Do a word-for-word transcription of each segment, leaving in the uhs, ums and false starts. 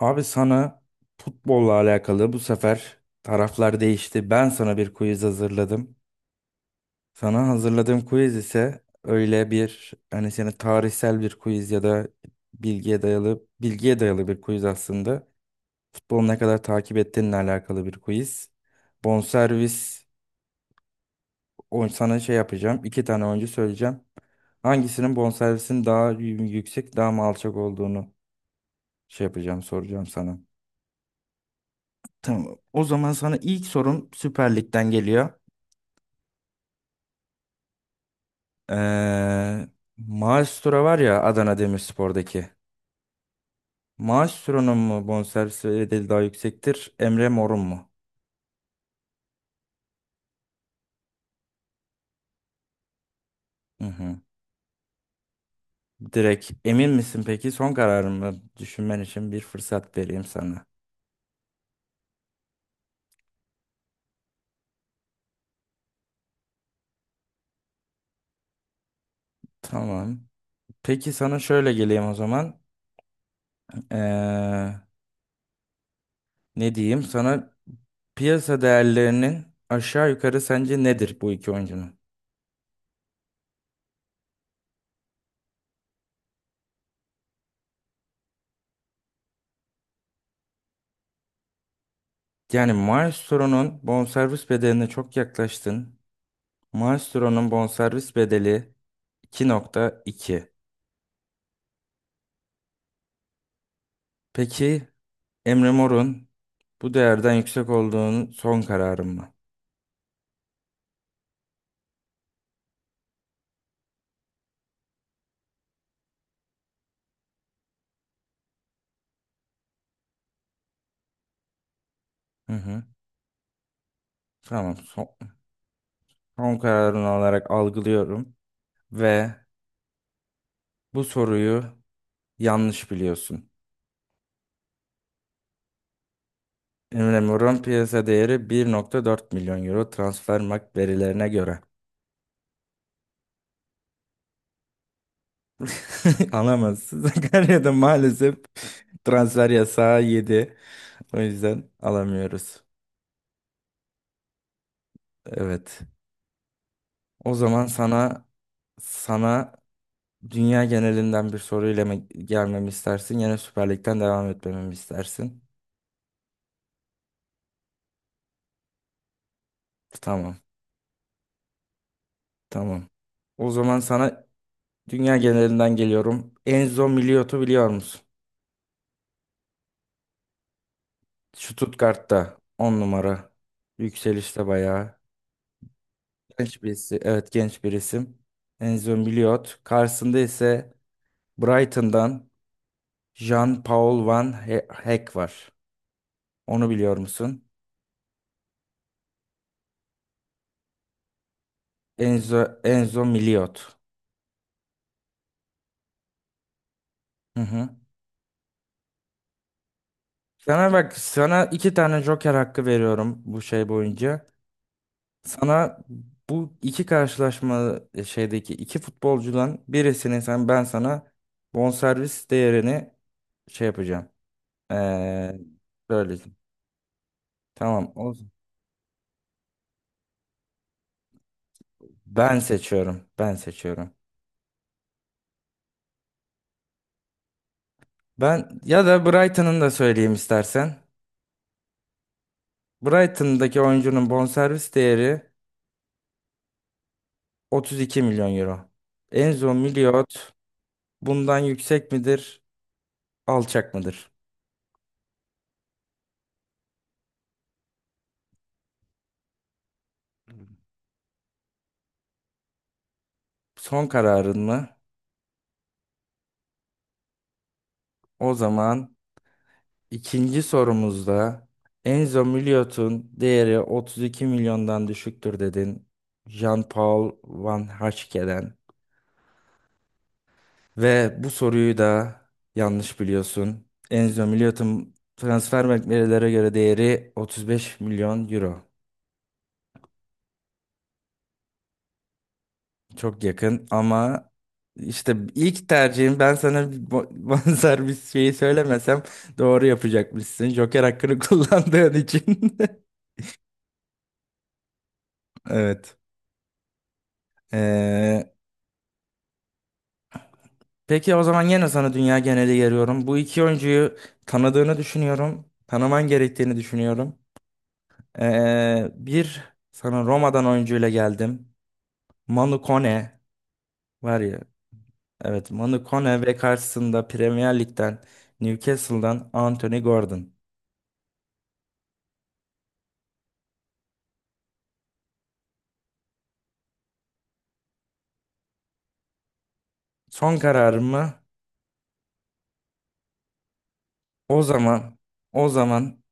Abi sana futbolla alakalı bu sefer taraflar değişti. Ben sana bir quiz hazırladım. Sana hazırladığım quiz ise öyle bir hani seni tarihsel bir quiz ya da bilgiye dayalı bilgiye dayalı bir quiz aslında. Futbolu ne kadar takip ettiğinle alakalı bir quiz. Bonservis o- sana şey yapacağım. İki tane oyuncu söyleyeceğim. Hangisinin bonservisinin daha y- yüksek, daha mı alçak olduğunu şey yapacağım, soracağım sana. Tamam. O zaman sana ilk sorum Süper Lig'den geliyor. Ee, Maestro var ya Adana Demirspor'daki. Maestro'nun mu bonservis bedeli daha yüksektir, Emre Mor'un mu? Hı hı. Direkt emin misin peki? Son kararımı düşünmen için bir fırsat vereyim sana. Tamam. Peki sana şöyle geleyim o zaman. Ee, ne diyeyim? Sana piyasa değerlerinin aşağı yukarı sence nedir bu iki oyuncunun? Yani Maestro'nun bonservis bedeline çok yaklaştın. Maestro'nun bonservis bedeli iki nokta iki. Peki Emre Mor'un bu değerden yüksek olduğunun son kararın mı? Hı hı. Tamam. Son, son kararın olarak algılıyorum ve bu soruyu yanlış biliyorsun. Emre Mor'un piyasa değeri bir nokta dört milyon euro Transfermarkt verilerine göre. Alamazsın. Sakarya'da maalesef transfer yasağı yedi. O yüzden alamıyoruz. Evet. O zaman sana sana dünya genelinden bir soruyla mı gelmemi istersin? Yine Süper Lig'den devam etmemi mi istersin? Tamam. Tamam. O zaman sana dünya genelinden geliyorum. Enzo Miliot'u biliyor musun? Stuttgart'ta on numara. Yükselişte bayağı. Genç birisi. Evet, genç bir isim. Enzo Miliot. Karşısında ise Brighton'dan Jean-Paul Van He- Heck var. Onu biliyor musun? Enzo, Enzo Miliot. Hı hı. Sana bak, sana iki tane Joker hakkı veriyorum bu şey boyunca. Sana bu iki karşılaşma e, şeydeki iki futbolcudan birisini sen ben sana bonservis değerini şey yapacağım. Ee, söyleyeceğim. Tamam. O, ben seçiyorum. Ben seçiyorum. Ben ya da Brighton'ın da söyleyeyim istersen. Brighton'daki oyuncunun bonservis değeri otuz iki milyon euro. Enzo Miliot bundan yüksek midir, alçak mıdır? Son kararın mı? O zaman ikinci sorumuzda Enzo Miliot'un değeri otuz iki milyondan düşüktür dedin, Jean-Paul Van Haschen'den. Ve bu soruyu da yanlış biliyorsun. Enzo Miliot'un transfer beklentilere göre değeri otuz beş milyon euro. Çok yakın ama işte ilk tercihim ben sana bir bo- benzer şeyi söylemesem doğru yapacakmışsın. Joker hakkını kullandığın için. Evet. Ee, peki o zaman yine sana dünya geneli geliyorum. Bu iki oyuncuyu tanıdığını düşünüyorum. Tanıman gerektiğini düşünüyorum. Ee, bir sana Roma'dan oyuncuyla geldim. Manu Kone var ya. Evet, Manu Kone ve karşısında Premier Lig'den Newcastle'dan Anthony Gordon. Son kararım mı? O zaman o zaman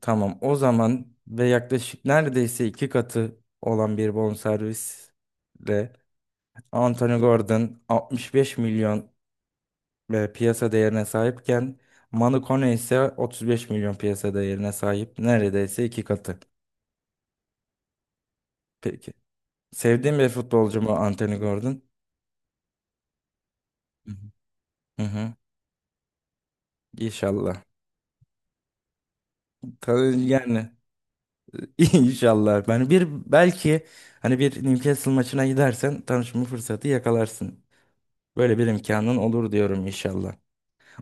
tamam o zaman ve yaklaşık neredeyse iki katı olan bir bonservisle Anthony Gordon altmış beş milyon e, piyasa değerine sahipken Manu Kone ise otuz beş milyon piyasa değerine sahip, neredeyse iki katı. Peki. Sevdiğim bir futbolcu mu Anthony Gordon? Hı hı. Hı hı. İnşallah. Tabii yani İnşallah. Ben bir belki hani bir Newcastle maçına gidersen tanışma fırsatı yakalarsın. Böyle bir imkanın olur diyorum inşallah.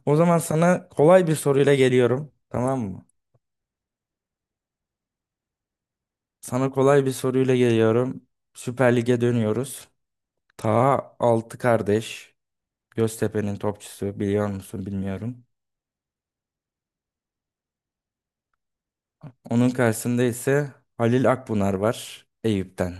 O zaman sana kolay bir soruyla geliyorum. Tamam mı? Sana kolay bir soruyla geliyorum. Süper Lig'e dönüyoruz. Ta altı kardeş. Göztepe'nin topçusu biliyor musun bilmiyorum. Onun karşısında ise Halil Akbunar var Eyüp'ten.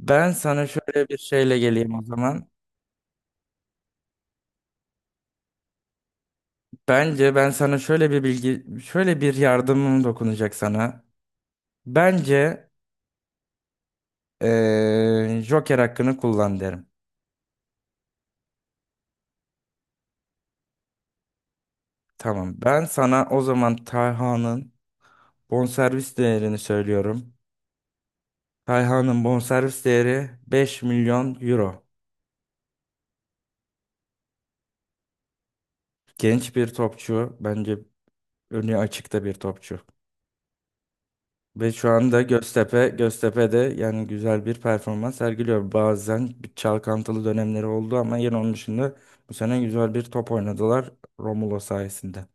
Ben sana şöyle bir şeyle geleyim o zaman. Bence ben sana şöyle bir bilgi, şöyle bir yardımım dokunacak sana. Bence eee, Joker hakkını kullan derim. Tamam. Ben sana o zaman Tayhan'ın bonservis değerini söylüyorum. Tayhan'ın bonservis değeri beş milyon euro. Genç bir topçu. Bence önü açıkta bir topçu. Ve şu anda Göztepe, Göztepe'de yani güzel bir performans sergiliyor. Bazen bir çalkantılı dönemleri oldu ama yine onun dışında bu sene güzel bir top oynadılar Romulo sayesinde.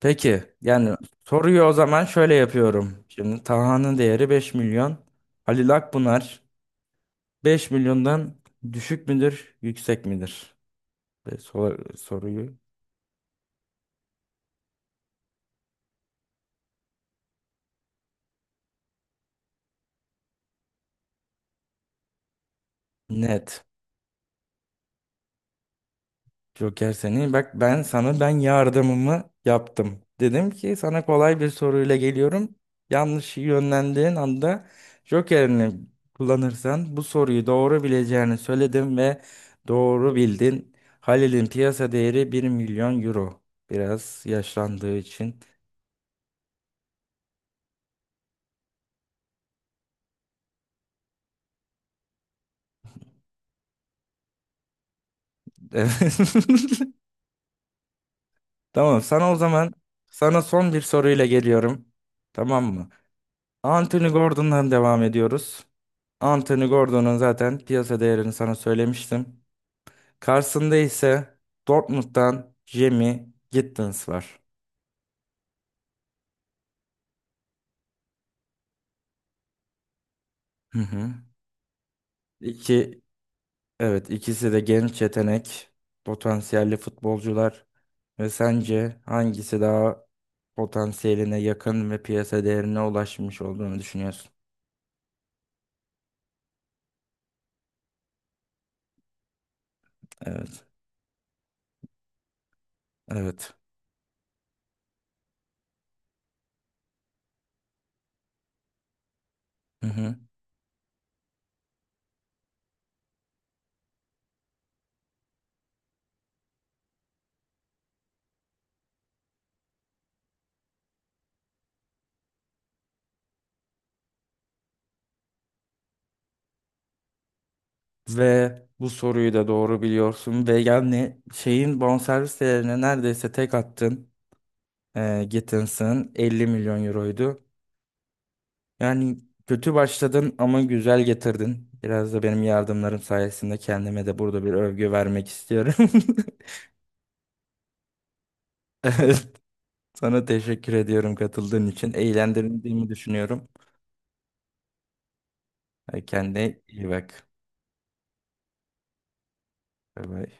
Peki, yani soruyu o zaman şöyle yapıyorum. Şimdi Taha'nın değeri beş milyon. Halil Akbunar beş milyondan düşük müdür, yüksek midir? Ve sor- soruyu net. Joker seni bak, ben sana ben yardımımı yaptım. Dedim ki sana kolay bir soruyla geliyorum. Yanlış yönlendiğin anda Joker'ini kullanırsan bu soruyu doğru bileceğini söyledim ve doğru bildin. Halil'in piyasa değeri bir milyon euro. Biraz yaşlandığı için. Tamam, sana o zaman sana son bir soruyla geliyorum. Tamam mı? Anthony Gordon'dan devam ediyoruz. Anthony Gordon'un zaten piyasa değerini sana söylemiştim. Karşısında ise Dortmund'dan Jamie Gittins var. Hı hı. İki, evet, ikisi de genç yetenek, potansiyelli futbolcular ve sence hangisi daha potansiyeline yakın ve piyasa değerine ulaşmış olduğunu düşünüyorsun? Evet. Evet. Hı hı. Ve bu soruyu da doğru biliyorsun ve yani şeyin bonservis değerine neredeyse tek attın. E, Gettins'ın elli milyon euroydu. Yani kötü başladın ama güzel getirdin. Biraz da benim yardımlarım sayesinde kendime de burada bir övgü vermek istiyorum. Evet, sana teşekkür ediyorum katıldığın için. Eğlendirdiğimi düşünüyorum. E, kendine iyi bak. Bay bay.